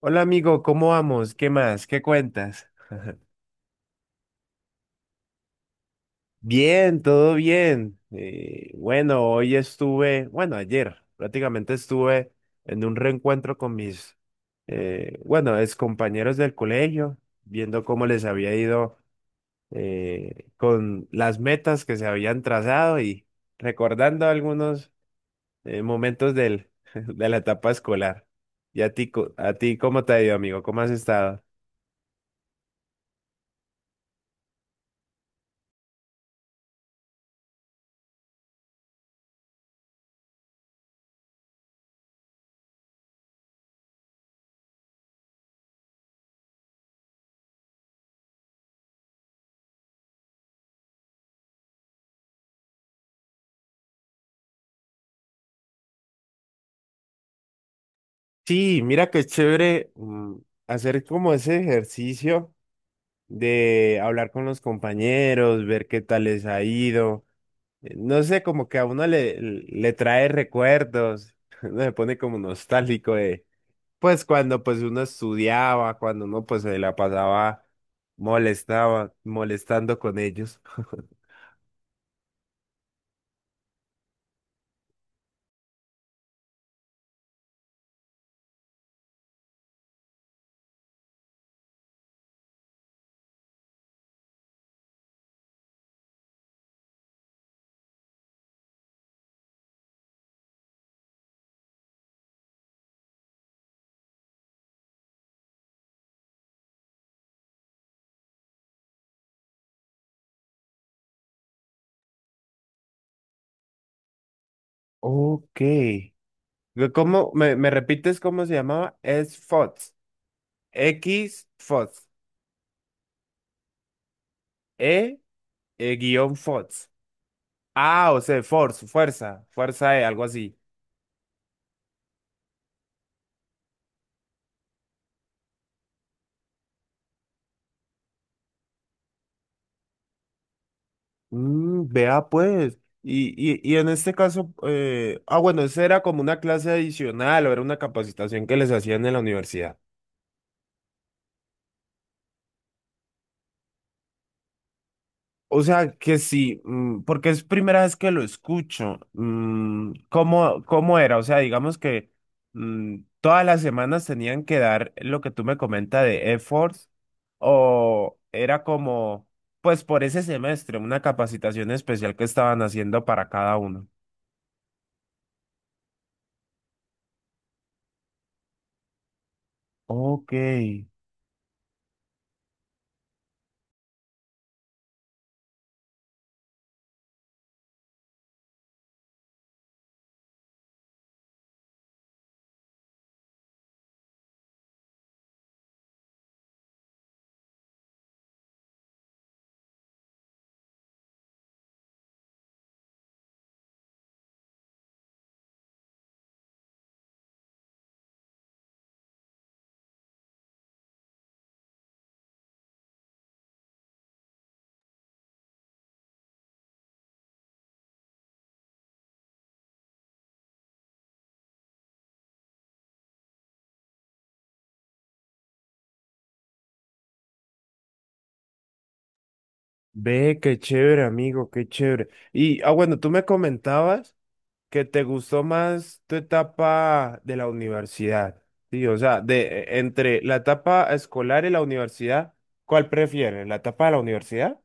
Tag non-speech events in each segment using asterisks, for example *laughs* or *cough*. Hola amigo, ¿cómo vamos? ¿Qué más? ¿Qué cuentas? Bien, todo bien. Bueno, hoy estuve, bueno, ayer prácticamente estuve en un reencuentro con mis, eh, bueno, compañeros del colegio, viendo cómo les había ido con las metas que se habían trazado, y recordando algunos momentos *laughs* de la etapa escolar. ¿Y a ti, a ti cómo te ha ido, amigo? ¿Cómo has estado? Sí, mira que es chévere, hacer como ese ejercicio de hablar con los compañeros, ver qué tal les ha ido. No sé, como que a le trae recuerdos, *laughs* uno se pone como nostálgico, de, pues cuando, pues uno estudiaba, cuando uno pues se la pasaba molestando con ellos. *laughs* Ok. ¿ Me repites cómo se llamaba? Es FOTS. X FOTS. E, guión FOTS. Ah, o sea, force, fuerza E, algo así. Mm, vea pues. Y en este caso, bueno, ¿esa era como una clase adicional o era una capacitación que les hacían en la universidad? O sea que sí, mm, porque es primera vez que lo escucho. Mm, ¿cómo, cómo era? O sea, digamos que, todas las semanas tenían que dar lo que tú me comentas de efforts, o era como, pues por ese semestre, una capacitación especial que estaban haciendo para cada uno. Ok, ve, qué chévere, amigo, qué chévere. Y, ah, bueno, tú me comentabas ¿que te gustó más tu etapa de la universidad? Sí, o sea, de entre la etapa escolar y la universidad, ¿cuál prefieres? ¿La etapa de la universidad?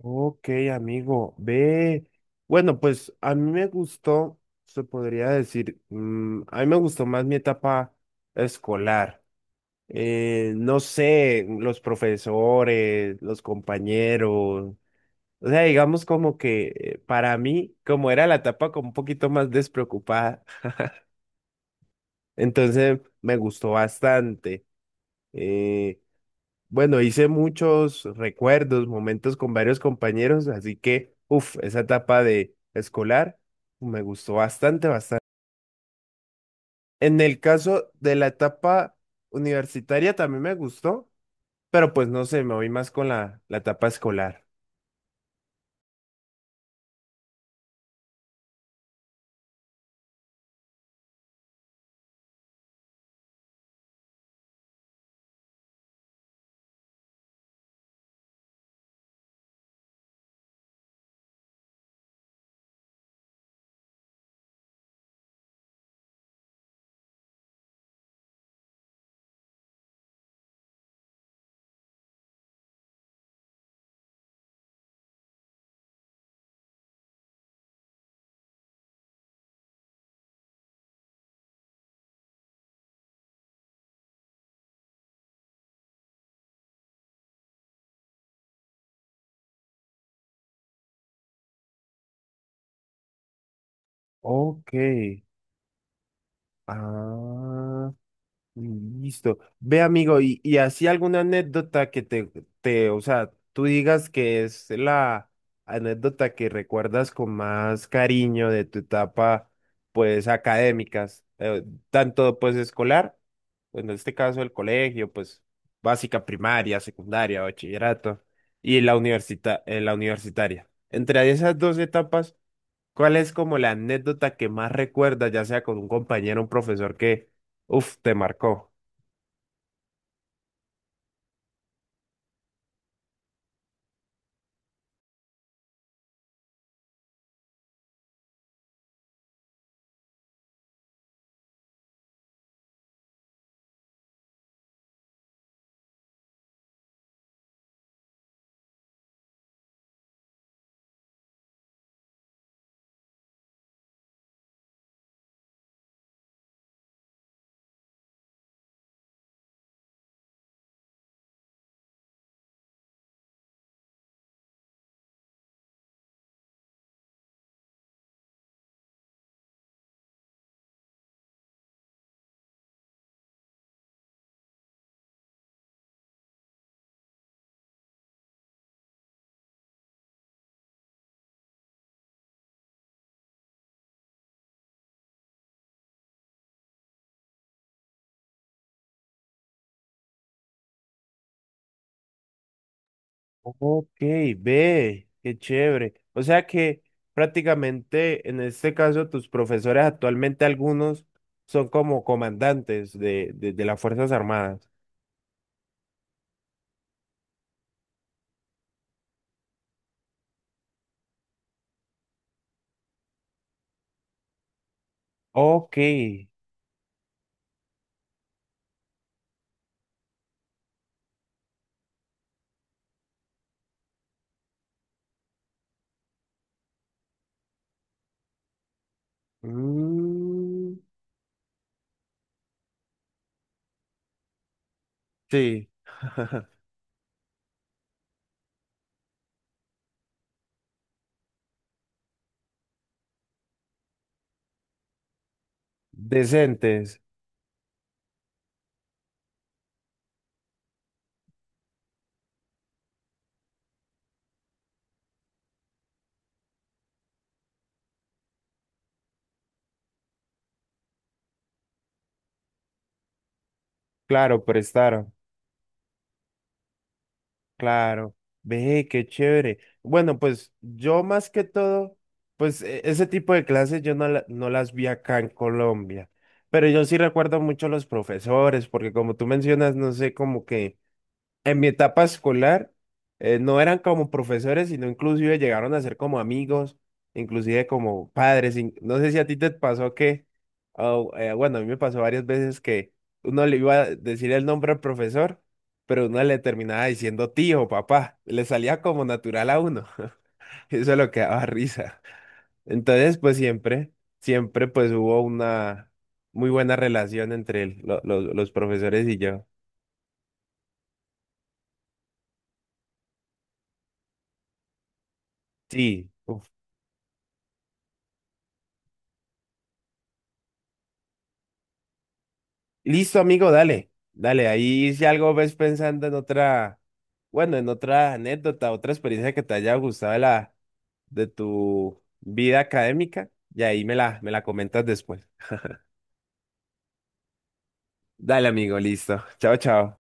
Ok, amigo, ve. Bueno, pues a mí me gustó, se podría decir, mm, a mí me gustó más mi etapa escolar. No sé, los profesores, los compañeros. O sea, digamos como que, para mí, como era la etapa como un poquito más despreocupada, entonces me gustó bastante. Eh, bueno, Hice muchos recuerdos, momentos con varios compañeros, así que, uff, esa etapa de escolar me gustó bastante, bastante. En el caso de la etapa universitaria también me gustó, pero pues no sé, me voy más con la etapa escolar. Ok. Ah. Mm, listo. Ve, amigo, y así alguna anécdota que o sea, tú digas que es la anécdota que recuerdas con más cariño de tu etapa, pues, académicas, tanto, pues, escolar, pues, en este caso el colegio, pues, básica, primaria, secundaria, bachillerato, y la la universitaria. Entre esas dos etapas, ¿cuál es como la anécdota que más recuerdas, ya sea con un compañero, un profesor que, uf, te marcó? Ok, ve, qué chévere. O sea que prácticamente en este caso tus profesores actualmente algunos son como comandantes de, de las Fuerzas Armadas. Ok. Mm, sí. *laughs* Decentes, claro, prestaron. Claro, ve, qué chévere. Bueno, pues yo más que todo, pues ese tipo de clases yo no, no las vi acá en Colombia, pero yo sí recuerdo mucho los profesores, porque como tú mencionas, no sé, como que... en mi etapa escolar, no eran como profesores, sino inclusive llegaron a ser como amigos, inclusive como padres. No sé si a ti te pasó que, oh, bueno, a mí me pasó varias veces que uno le iba a decir el nombre al profesor, pero uno le terminaba diciendo tío, papá. Le salía como natural a uno. *laughs* Eso es lo que daba risa. Entonces, pues siempre pues hubo una muy buena relación entre los profesores y yo. Sí. Listo, amigo, dale, dale, ahí si algo ves pensando en otra, bueno, en otra anécdota, otra experiencia que te haya gustado de la, de tu vida académica, y ahí me me la comentas después. Dale, amigo, listo. Chao, chao.